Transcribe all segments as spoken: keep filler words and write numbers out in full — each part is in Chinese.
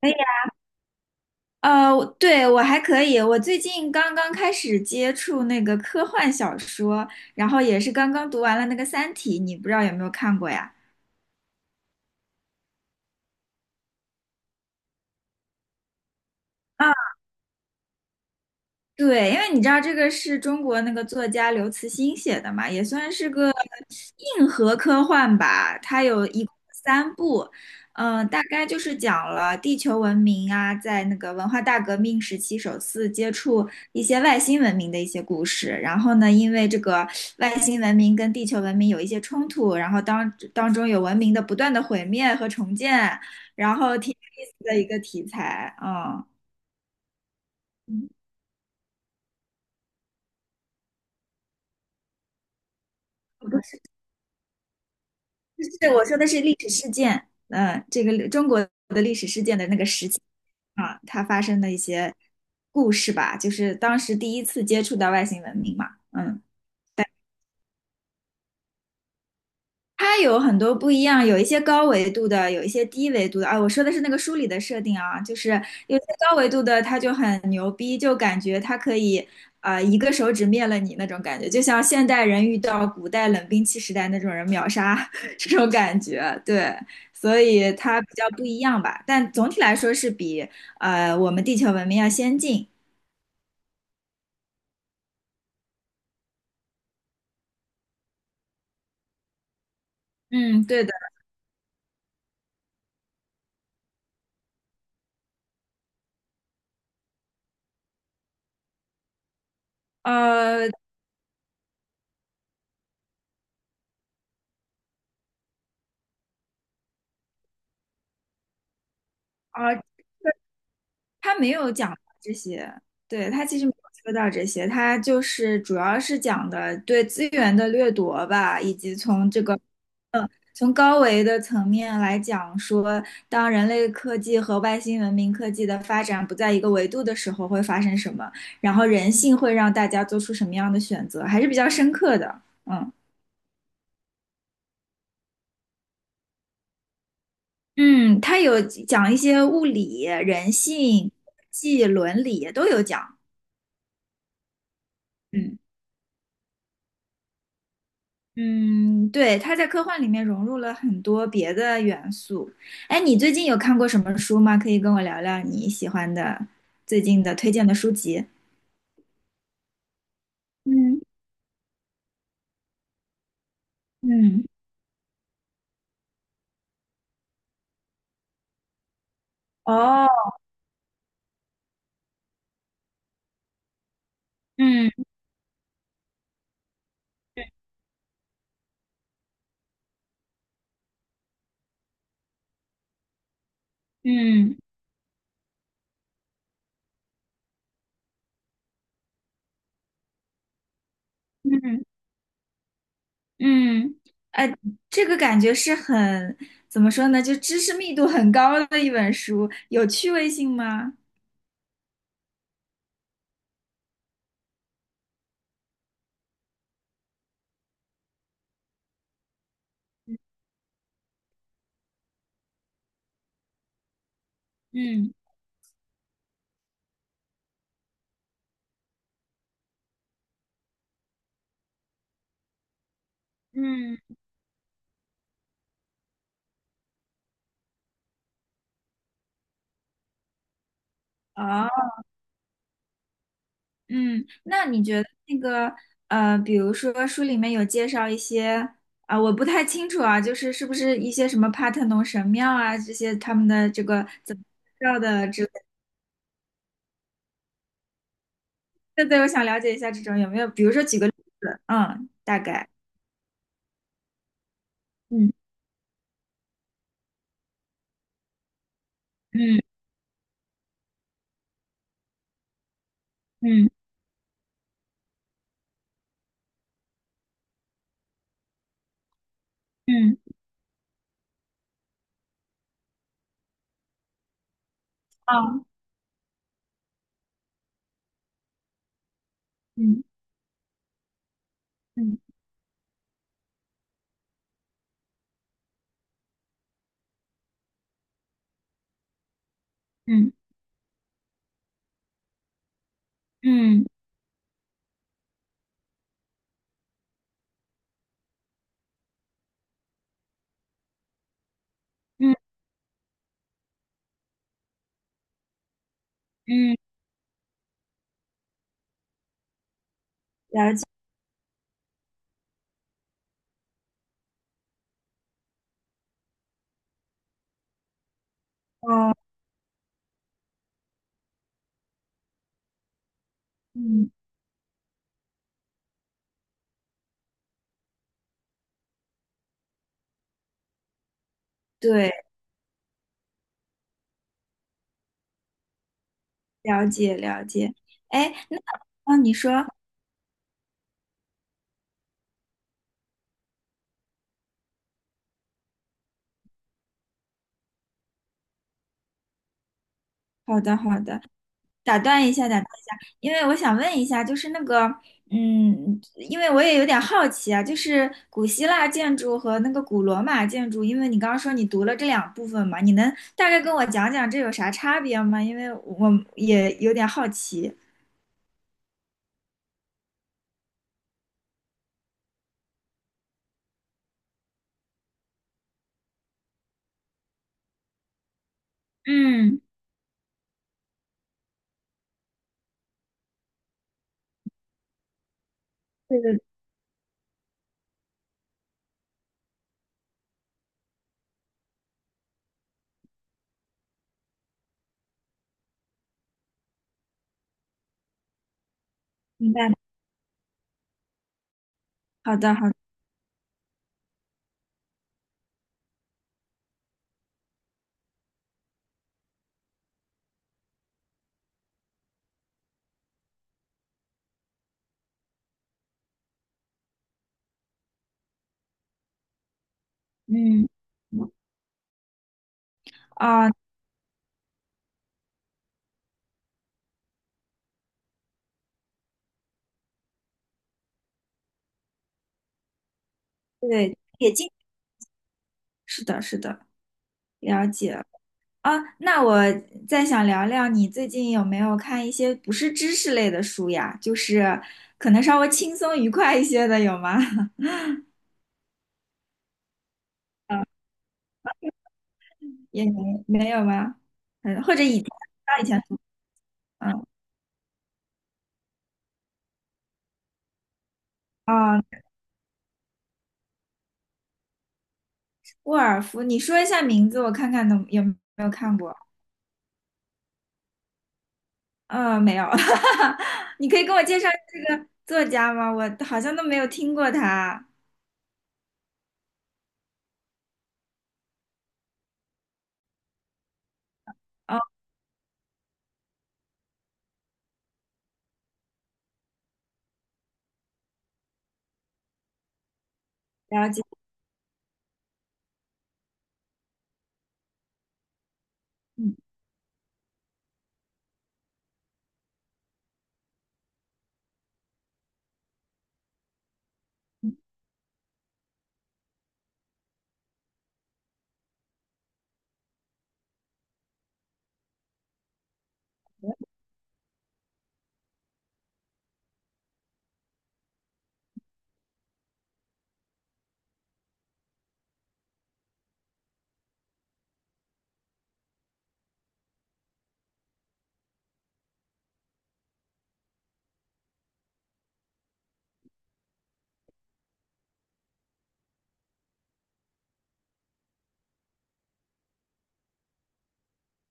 可以，呃，我对，我还可以。我最近刚刚开始接触那个科幻小说，然后也是刚刚读完了那个《三体》，你不知道有没有看过呀？啊。对，因为你知道这个是中国那个作家刘慈欣写的嘛，也算是个硬核科幻吧。它有一共三部，嗯、大概就是讲了地球文明啊，在那个文化大革命时期首次接触一些外星文明的一些故事。然后呢，因为这个外星文明跟地球文明有一些冲突，然后当当中有文明的不断的毁灭和重建，然后挺有意思的一个题材，嗯。是我说的是历史事件，嗯，这个中国的历史事件的那个时期啊，它发生的一些故事吧，就是当时第一次接触到外星文明嘛，嗯。它有很多不一样，有一些高维度的，有一些低维度的啊。我说的是那个书里的设定啊，就是有些高维度的，它就很牛逼，就感觉它可以啊、一个手指灭了你那种感觉，就像现代人遇到古代冷兵器时代那种人秒杀 这种感觉。对，所以它比较不一样吧，但总体来说是比呃我们地球文明要先进。嗯，对的。呃，啊，他没有讲这些，对，他其实没有说到这些，他就是主要是讲的对资源的掠夺吧，以及从这个从高维的层面来讲说，当人类科技和外星文明科技的发展不在一个维度的时候会发生什么，然后人性会让大家做出什么样的选择，还是比较深刻的，嗯。嗯，他有讲一些物理、人性、技伦理都有讲。嗯。嗯，对，他在科幻里面融入了很多别的元素。哎，你最近有看过什么书吗？可以跟我聊聊你喜欢的最近的推荐的书籍。嗯嗯，哦，嗯嗯嗯嗯，呃，这个感觉是很，怎么说呢，就知识密度很高的一本书，有趣味性吗？嗯嗯，哦。嗯，那你觉得那个呃，比如说书里面有介绍一些啊、我不太清楚啊，就是是不是一些什么帕特农神庙啊这些他们的这个怎么介绍的之类的对对，我想了解一下这种有没有，比如说举个例子，嗯，大概，嗯嗯嗯嗯，啊嗯嗯嗯嗯嗯嗯，哦，嗯，对，了解了解，哎，那哦，你说，好的好的。打断一下，打断一下，因为我想问一下，就是那个，嗯，因为我也有点好奇啊，就是古希腊建筑和那个古罗马建筑，因为你刚刚说你读了这两部分嘛，你能大概跟我讲讲这有啥差别吗？因为我也有点好奇。嗯，对对，明白。好的，好的，嗯，啊，对，也进，是的，是的，了解。啊，那我再想聊聊你最近有没有看一些不是知识类的书呀？就是可能稍微轻松愉快一些的，有吗？嗯也没没有吗？嗯，或者以前，那以前，嗯，啊，沃尔夫，你说一下名字，我看看能有没有看过。嗯，没有，你可以给我介绍这个作家吗？我好像都没有听过他。哦，了解，嗯，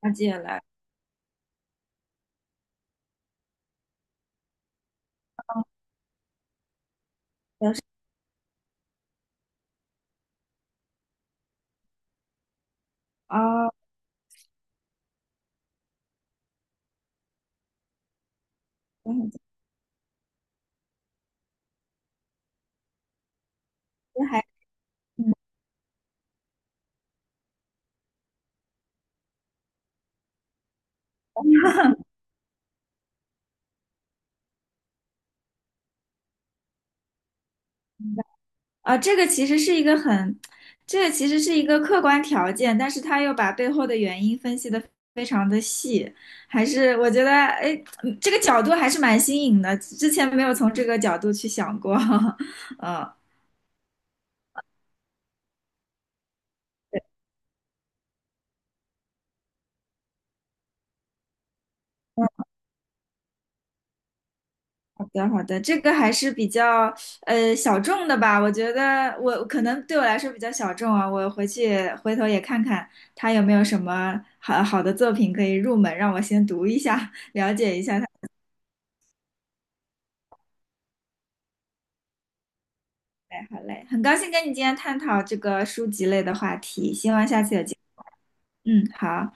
了解了。哦，我很还嗯。啊，这个其实是一个很，这个其实是一个客观条件，但是他又把背后的原因分析的非常的细，还是我觉得，哎，嗯这个角度还是蛮新颖的，之前没有从这个角度去想过。嗯，好的，好的，这个还是比较呃小众的吧，我觉得我可能对我来说比较小众啊，我回去回头也看看他有没有什么好好的作品可以入门，让我先读一下，了解一下。他。哎，好嘞，很高兴跟你今天探讨这个书籍类的话题，希望下次有机会，嗯，好。